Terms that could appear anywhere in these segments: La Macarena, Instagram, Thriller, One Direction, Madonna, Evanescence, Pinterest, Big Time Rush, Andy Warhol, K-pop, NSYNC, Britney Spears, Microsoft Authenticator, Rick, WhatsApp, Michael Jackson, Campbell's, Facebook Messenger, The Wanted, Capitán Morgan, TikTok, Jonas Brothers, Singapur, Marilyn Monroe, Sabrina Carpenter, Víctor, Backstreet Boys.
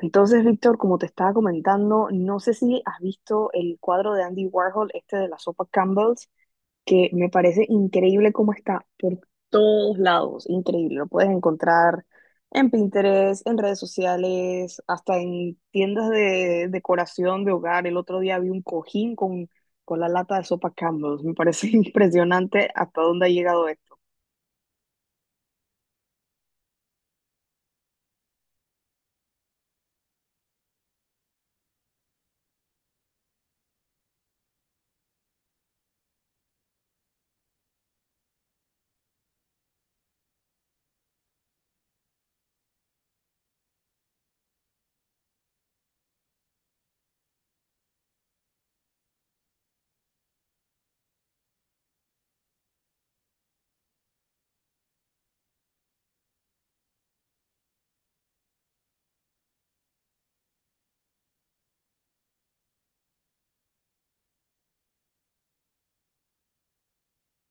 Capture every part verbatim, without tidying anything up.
Entonces, Víctor, como te estaba comentando, no sé si has visto el cuadro de Andy Warhol, este de la sopa Campbell's, que me parece increíble cómo está por todos lados, increíble. Lo puedes encontrar en Pinterest, en redes sociales, hasta en tiendas de decoración de hogar. El otro día vi un cojín con, con la lata de sopa Campbell's. Me parece impresionante hasta dónde ha llegado esto.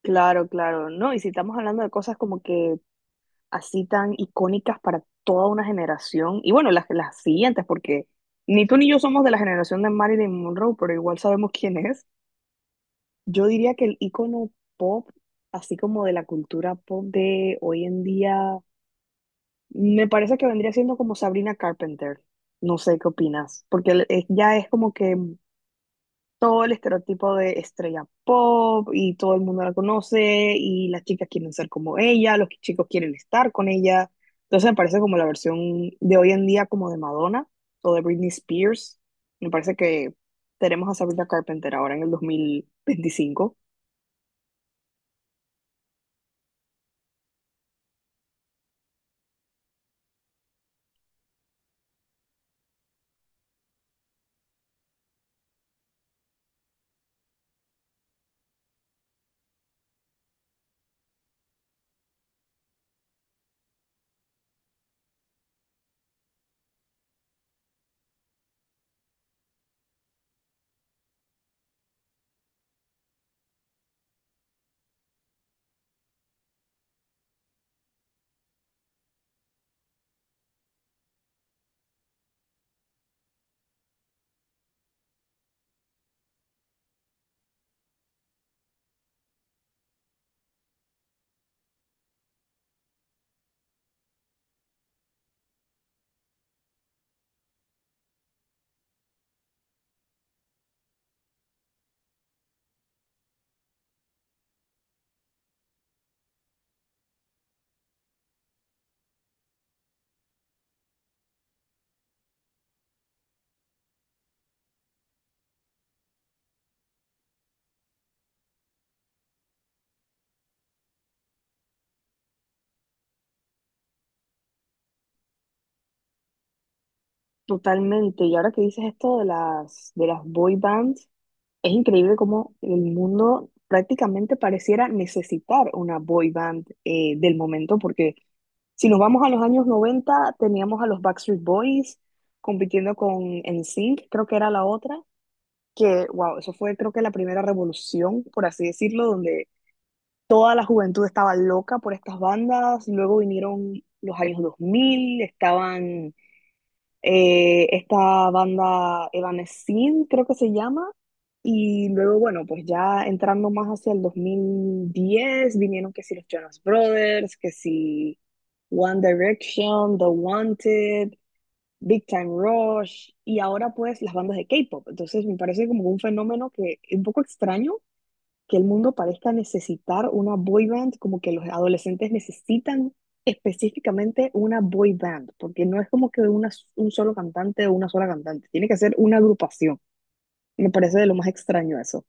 Claro, claro, ¿no? Y si estamos hablando de cosas como que así tan icónicas para toda una generación y bueno, las, las siguientes, porque ni tú ni yo somos de la generación de Marilyn Monroe, pero igual sabemos quién es. Yo diría que el icono pop, así como de la cultura pop de hoy en día, me parece que vendría siendo como Sabrina Carpenter. No sé qué opinas, porque el- es- ya es como que todo el estereotipo de estrella pop y todo el mundo la conoce y las chicas quieren ser como ella, los chicos quieren estar con ella. Entonces me parece como la versión de hoy en día como de Madonna o de Britney Spears. Me parece que tenemos a Sabrina Carpenter ahora en el dos mil veinticinco. Totalmente. Y ahora que dices esto de las, de las boy bands, es increíble cómo el mundo prácticamente pareciera necesitar una boy band eh, del momento porque si nos vamos a los años noventa teníamos a los Backstreet Boys compitiendo con N SYNC, creo que era la otra, que, wow, eso fue creo que la primera revolución, por así decirlo, donde toda la juventud estaba loca por estas bandas. Luego vinieron los años dos mil, estaban eh, esta banda Evanescence, creo que se llama, y luego, bueno, pues ya entrando más hacia el dos mil diez vinieron que si los Jonas Brothers, que si One Direction, The Wanted, Big Time Rush, y ahora pues las bandas de K-pop. Entonces me parece como un fenómeno que es un poco extraño que el mundo parezca necesitar una boy band, como que los adolescentes necesitan específicamente una boy band, porque no es como que una, un solo cantante o una sola cantante, tiene que ser una agrupación. Me parece de lo más extraño eso.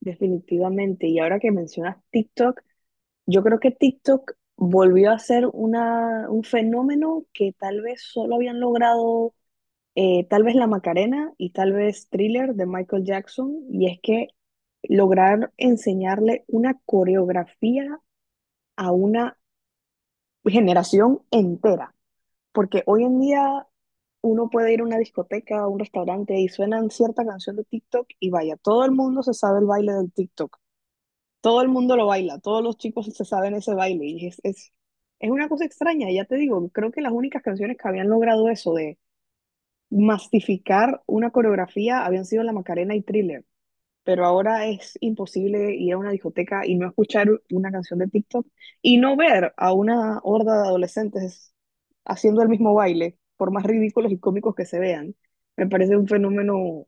Definitivamente. Y ahora que mencionas TikTok, yo creo que TikTok volvió a ser una, un fenómeno que tal vez solo habían logrado eh, tal vez La Macarena y tal vez Thriller de Michael Jackson. Y es que lograr enseñarle una coreografía a una generación entera. Porque hoy en día uno puede ir a una discoteca, a un restaurante y suenan cierta canción de TikTok y vaya, todo el mundo se sabe el baile del TikTok. Todo el mundo lo baila, todos los chicos se saben ese baile y es, es, es una cosa extraña. Y ya te digo, creo que las únicas canciones que habían logrado eso de mastificar una coreografía habían sido La Macarena y Thriller, pero ahora es imposible ir a una discoteca y no escuchar una canción de TikTok y no ver a una horda de adolescentes haciendo el mismo baile, por más ridículos y cómicos que se vean. Me parece un fenómeno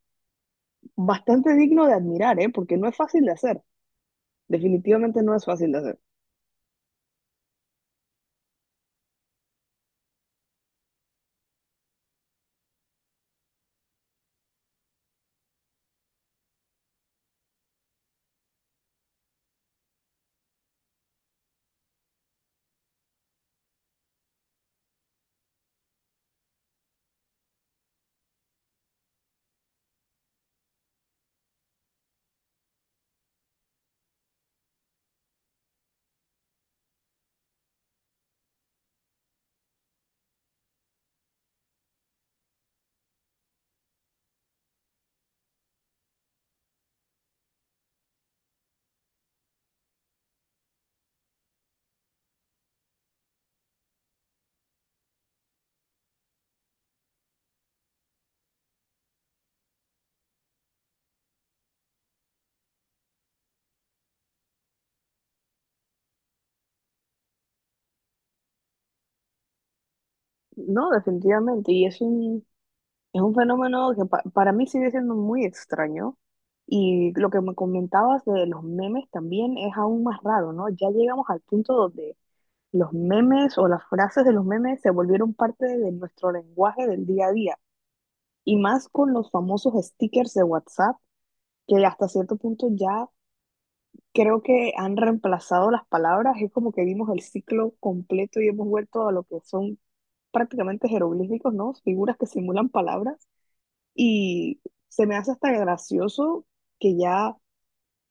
bastante digno de admirar, ¿eh? Porque no es fácil de hacer, definitivamente no es fácil de hacer. No, definitivamente. Y es un, es un fenómeno que pa- para mí sigue siendo muy extraño. Y lo que me comentabas de los memes también es aún más raro, ¿no? Ya llegamos al punto donde los memes o las frases de los memes se volvieron parte de nuestro lenguaje del día a día. Y más con los famosos stickers de WhatsApp, que hasta cierto punto ya creo que han reemplazado las palabras. Es como que vimos el ciclo completo y hemos vuelto a lo que son prácticamente jeroglíficos, ¿no? Figuras que simulan palabras y se me hace hasta gracioso que ya,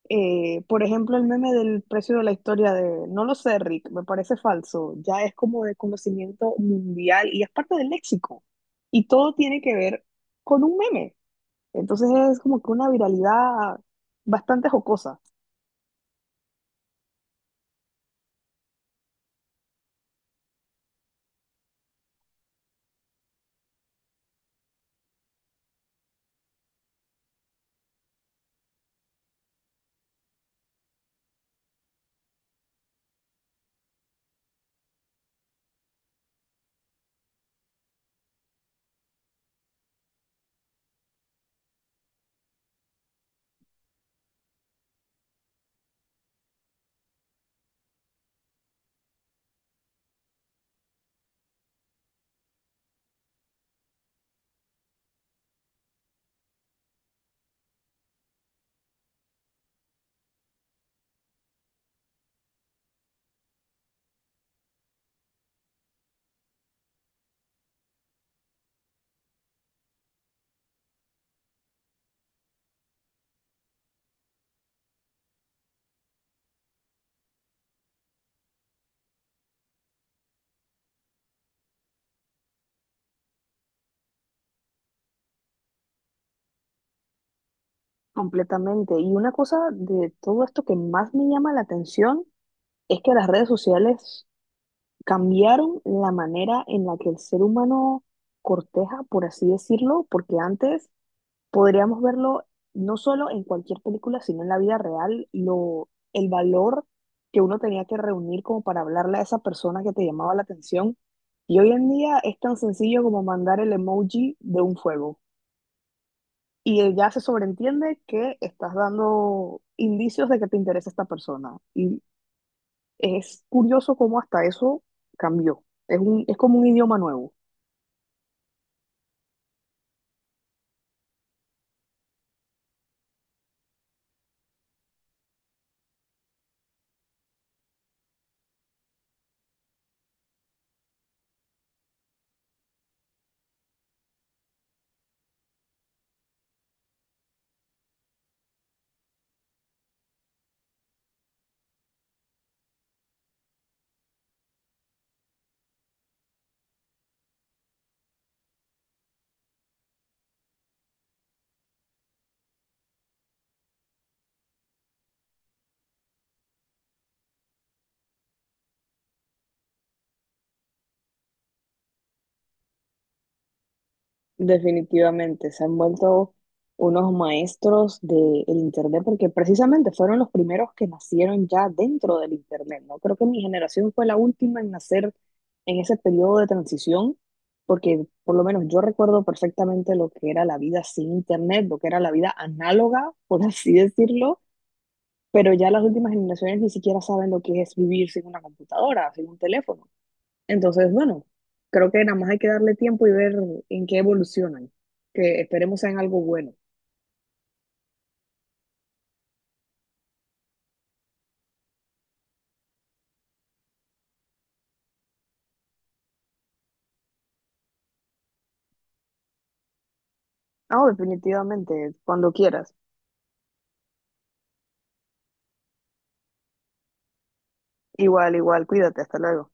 eh, por ejemplo, el meme del precio de la historia de, no lo sé, Rick, me parece falso, ya es como de conocimiento mundial y es parte del léxico y todo tiene que ver con un meme. Entonces es como que una viralidad bastante jocosa, completamente. Y una cosa de todo esto que más me llama la atención es que las redes sociales cambiaron la manera en la que el ser humano corteja, por así decirlo, porque antes podríamos verlo no solo en cualquier película, sino en la vida real, lo, el valor que uno tenía que reunir como para hablarle a esa persona que te llamaba la atención. Y hoy en día es tan sencillo como mandar el emoji de un fuego. Y ya se sobreentiende que estás dando indicios de que te interesa esta persona. Y es curioso cómo hasta eso cambió. Es un, es como un idioma nuevo. Definitivamente, se han vuelto unos maestros del Internet porque precisamente fueron los primeros que nacieron ya dentro del Internet, ¿no? Creo que mi generación fue la última en nacer en ese periodo de transición porque por lo menos yo recuerdo perfectamente lo que era la vida sin Internet, lo que era la vida análoga, por así decirlo, pero ya las últimas generaciones ni siquiera saben lo que es vivir sin una computadora, sin un teléfono. Entonces, bueno, creo que nada más hay que darle tiempo y ver en qué evolucionan, que esperemos sean algo bueno. Ah, definitivamente, cuando quieras. Igual, igual, cuídate, hasta luego.